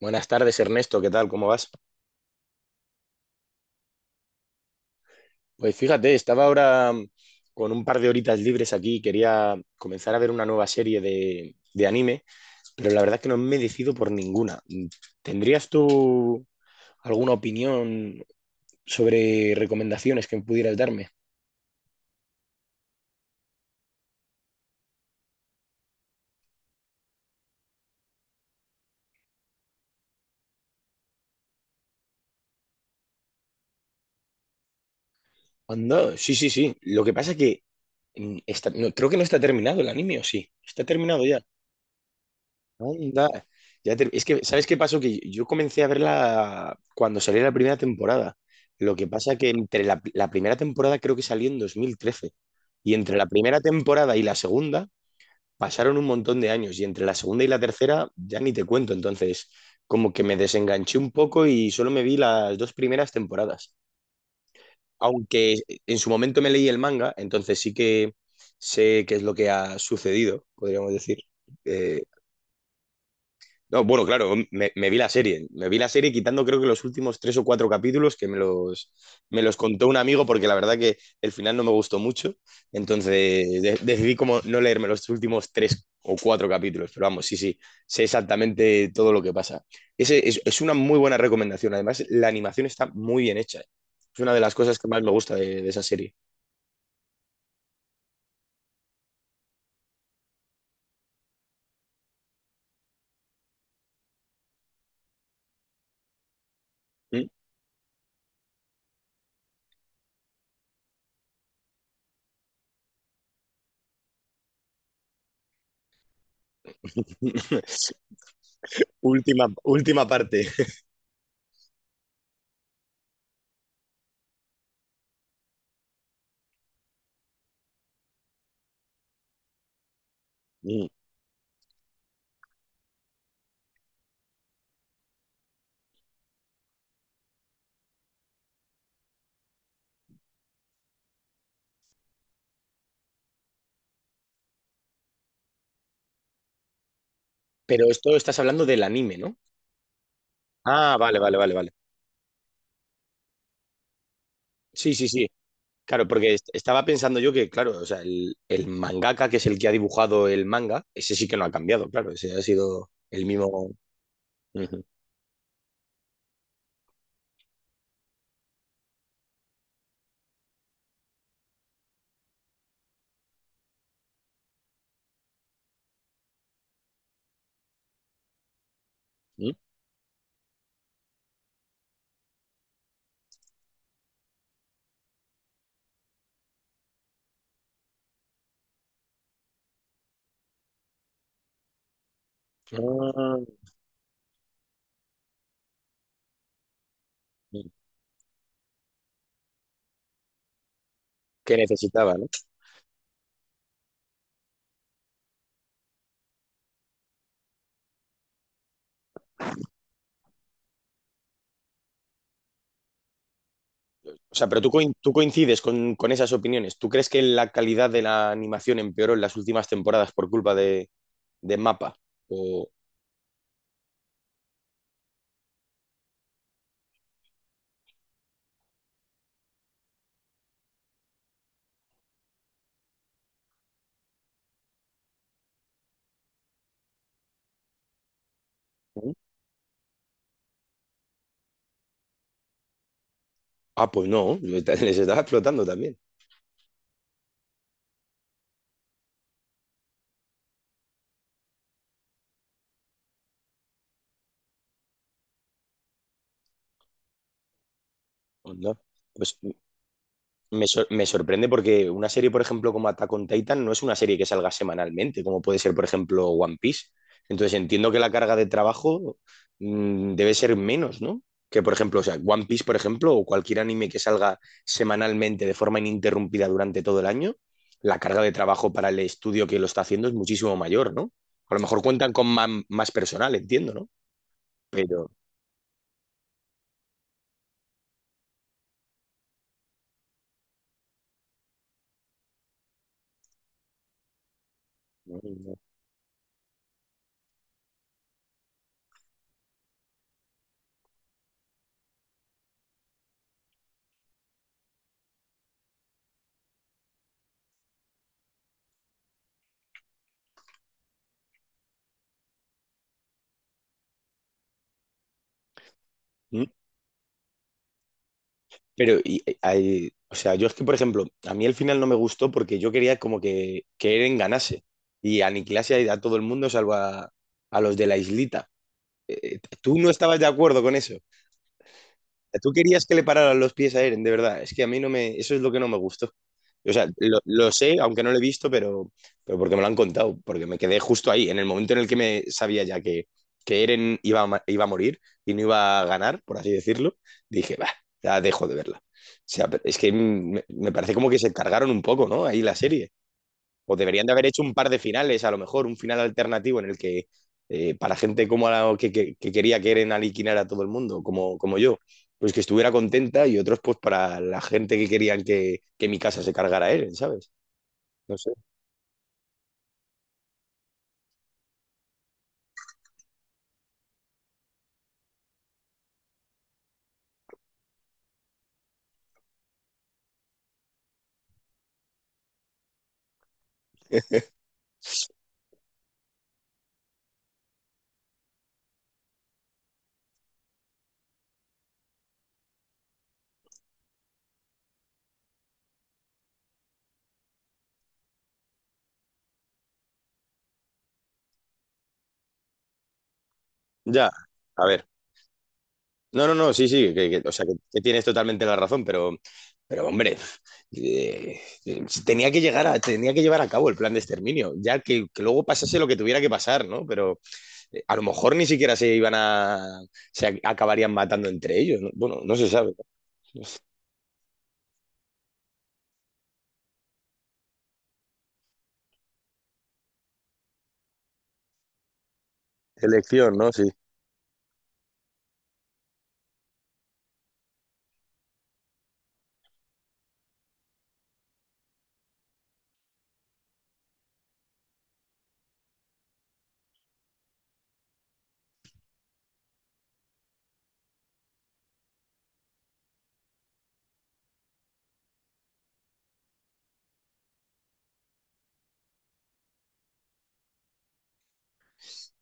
Buenas tardes, Ernesto, ¿qué tal? ¿Cómo vas? Pues fíjate, estaba ahora con un par de horitas libres aquí, quería comenzar a ver una nueva serie de anime, pero la verdad es que no me decido por ninguna. ¿Tendrías tú alguna opinión sobre recomendaciones que pudieras darme? Anda, sí, sí, sí. Lo que pasa es que no, creo que no está terminado el anime, ¿o sí? ¿Está terminado ya? Anda. Es que, ¿sabes qué pasó? Que yo comencé a verla cuando salió la primera temporada. Lo que pasa que entre la primera temporada creo que salió en 2013. Y entre la primera temporada y la segunda pasaron un montón de años. Y entre la segunda y la tercera ya ni te cuento. Entonces, como que me desenganché un poco y solo me vi las dos primeras temporadas. Aunque en su momento me leí el manga, entonces sí que sé qué es lo que ha sucedido, podríamos decir. Eh, No, bueno, claro, me vi la serie. Me vi la serie quitando creo que los últimos tres o cuatro capítulos que me los contó un amigo porque la verdad que el final no me gustó mucho. Entonces decidí como no leerme los últimos tres o cuatro capítulos. Pero vamos, sí, sí, sé exactamente todo lo que pasa. Es una muy buena recomendación. Además, la animación está muy bien hecha. Es una de las cosas que más me gusta de esa serie. ¿Mm? Última, última parte. Mm. Pero esto estás hablando del anime, ¿no? Ah, vale, vale, vale, vale. Sí, sí, sí. Claro, porque estaba pensando yo que, claro, o sea, el mangaka, que es el que ha dibujado el manga, ese sí que no ha cambiado, claro, ese ha sido el mismo. Ujú. ¿Mm? Ah, que necesitaba, ¿no? O sea, pero tú coincides con esas opiniones. ¿Tú crees que la calidad de la animación empeoró en las últimas temporadas por culpa de MAPA? O... ¿Mm? Ah, pues no, yo- les estaba explotando también. Onda. Pues no. Me sorprende porque una serie, por ejemplo, como Attack on Titan, no es una serie que salga semanalmente, como puede ser, por ejemplo, One Piece. Entonces entiendo que la carga de trabajo debe ser menos, ¿no? Que, por ejemplo, o sea, One Piece, por ejemplo, o cualquier anime que salga semanalmente de forma ininterrumpida durante todo el año, la carga de trabajo para el estudio que lo está haciendo es muchísimo mayor, ¿no? A lo mejor cuentan con más personal, entiendo, ¿no? Pero... no, no, Pero, o sea, yo es que, por ejemplo, a mí el final no me gustó porque yo quería como que Eren ganase y aniquilase a todo el mundo salvo a los de la islita. ¿Tú no estabas de acuerdo con eso? Tú querías que le pararan los pies a Eren, de verdad. Es que a mí no me. Eso es lo que no me gustó. O sea, lo sé, aunque no lo he visto, pero porque me lo han contado, porque me quedé justo ahí, en el momento en el que me sabía ya que Eren iba a, iba a morir y no iba a ganar, por así decirlo, dije, va, ya dejo de verla. O sea, pero es que me parece como que se cargaron un poco, ¿no? Ahí la serie. O deberían de haber hecho un par de finales, a lo mejor, un final alternativo en el que para gente como la, que quería que Eren aliquinar a todo el mundo, como yo, pues que estuviera contenta y otros pues para la gente que querían que mi casa se cargara a Eren, ¿sabes? No sé. Ya, a ver. No, no, no, sí, sí, o sea, que tienes totalmente la razón, pero hombre, tenía que llegar a, tenía que llevar a cabo el plan de exterminio, ya que luego pasase lo que tuviera que pasar, ¿no? Pero a lo mejor ni siquiera se iban a, acabarían matando entre ellos. ¿No? Bueno, no se sabe. Elección, ¿no? Sí.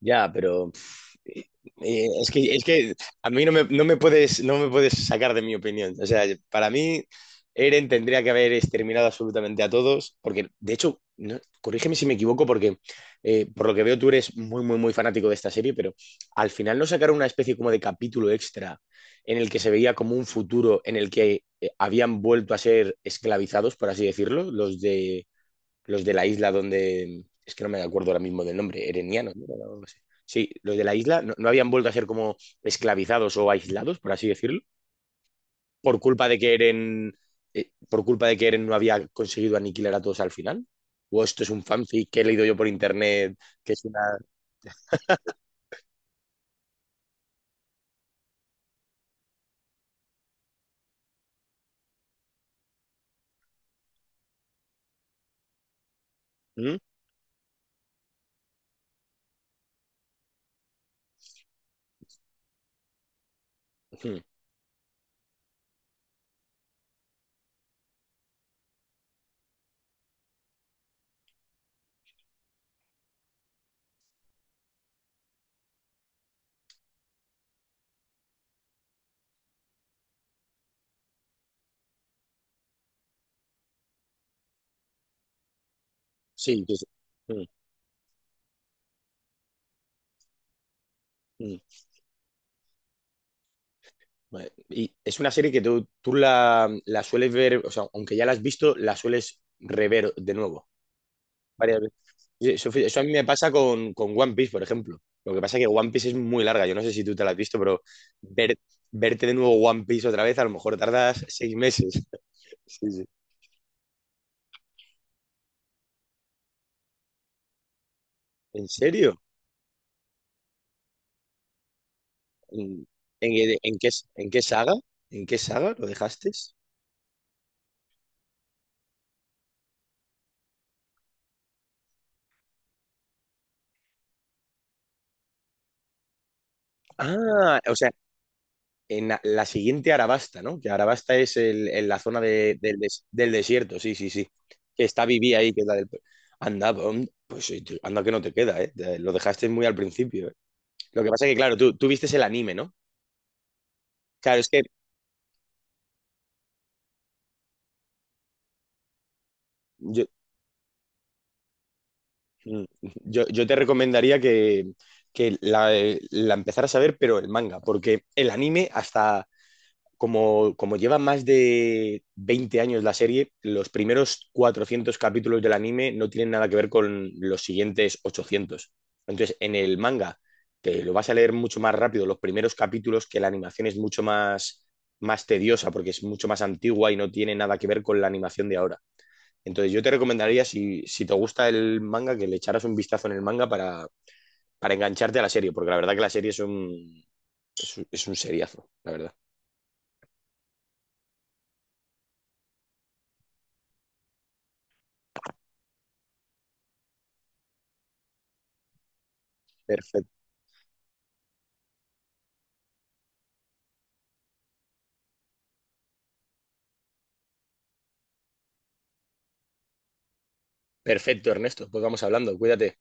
Ya, pero es que a mí no me puedes, no me puedes sacar de mi opinión. O sea, para mí, Eren tendría que haber exterminado absolutamente a todos, porque de hecho, no- corrígeme si me equivoco, porque por lo que veo tú eres muy, muy, muy fanático de esta serie, pero al final no sacaron una especie como de capítulo extra en el que se veía como un futuro en el que habían vuelto a ser esclavizados, por así decirlo, los de la isla donde, es que no me acuerdo ahora mismo del nombre, Ereniano, ¿no? O algo así. Sí, los de la isla no, no habían vuelto a ser como esclavizados o aislados, por así decirlo, por culpa de que Eren, por culpa de que Eren no había conseguido aniquilar a todos al final. O esto es un fanfic que he leído yo por internet, que es una... ¿Mm? Ujú. Sí, que es... Mm, mm. Vale. Y es una serie que tú la sueles ver, o sea, aunque ya la has visto, la sueles rever de nuevo. Varias veces. Eso a mí me pasa con One Piece, por ejemplo. Lo que pasa es que One Piece es muy larga. Yo no sé si tú te la has visto, pero ver, verte de nuevo One Piece otra vez, a lo mejor tardas 6 meses. Sí, sí. ¿En serio? ¿En, ¿en qué, en qué saga? ¿En qué saga lo dejaste? Ah, o sea, en la siguiente Arabasta, ¿no? Que Arabasta es en la zona del desierto, sí, sí, sí. Que está Vivi ahí, que es la del... Anda, pues anda que no te queda, ¿eh? Lo dejaste muy al principio. Lo que pasa es que, claro, tú vistes el anime, ¿no? Claro, es que yo, yo te recomendaría que la empezaras a ver, pero el manga, porque el anime, hasta como lleva más de 20 años la serie, los primeros 400 capítulos del anime no tienen nada que ver con los siguientes 800. Entonces, en el manga, te lo vas a leer mucho más rápido los primeros capítulos, que la animación es mucho más, más tediosa, porque es mucho más antigua y no tiene nada que ver con la animación de ahora. Entonces yo te recomendaría, si, si te gusta el manga, que le echaras un vistazo en el manga para engancharte a la serie, porque la verdad que la serie es un, es un, es un seriazo, la verdad. Perfecto, perfecto, Ernesto. Pues vamos hablando, cuídate.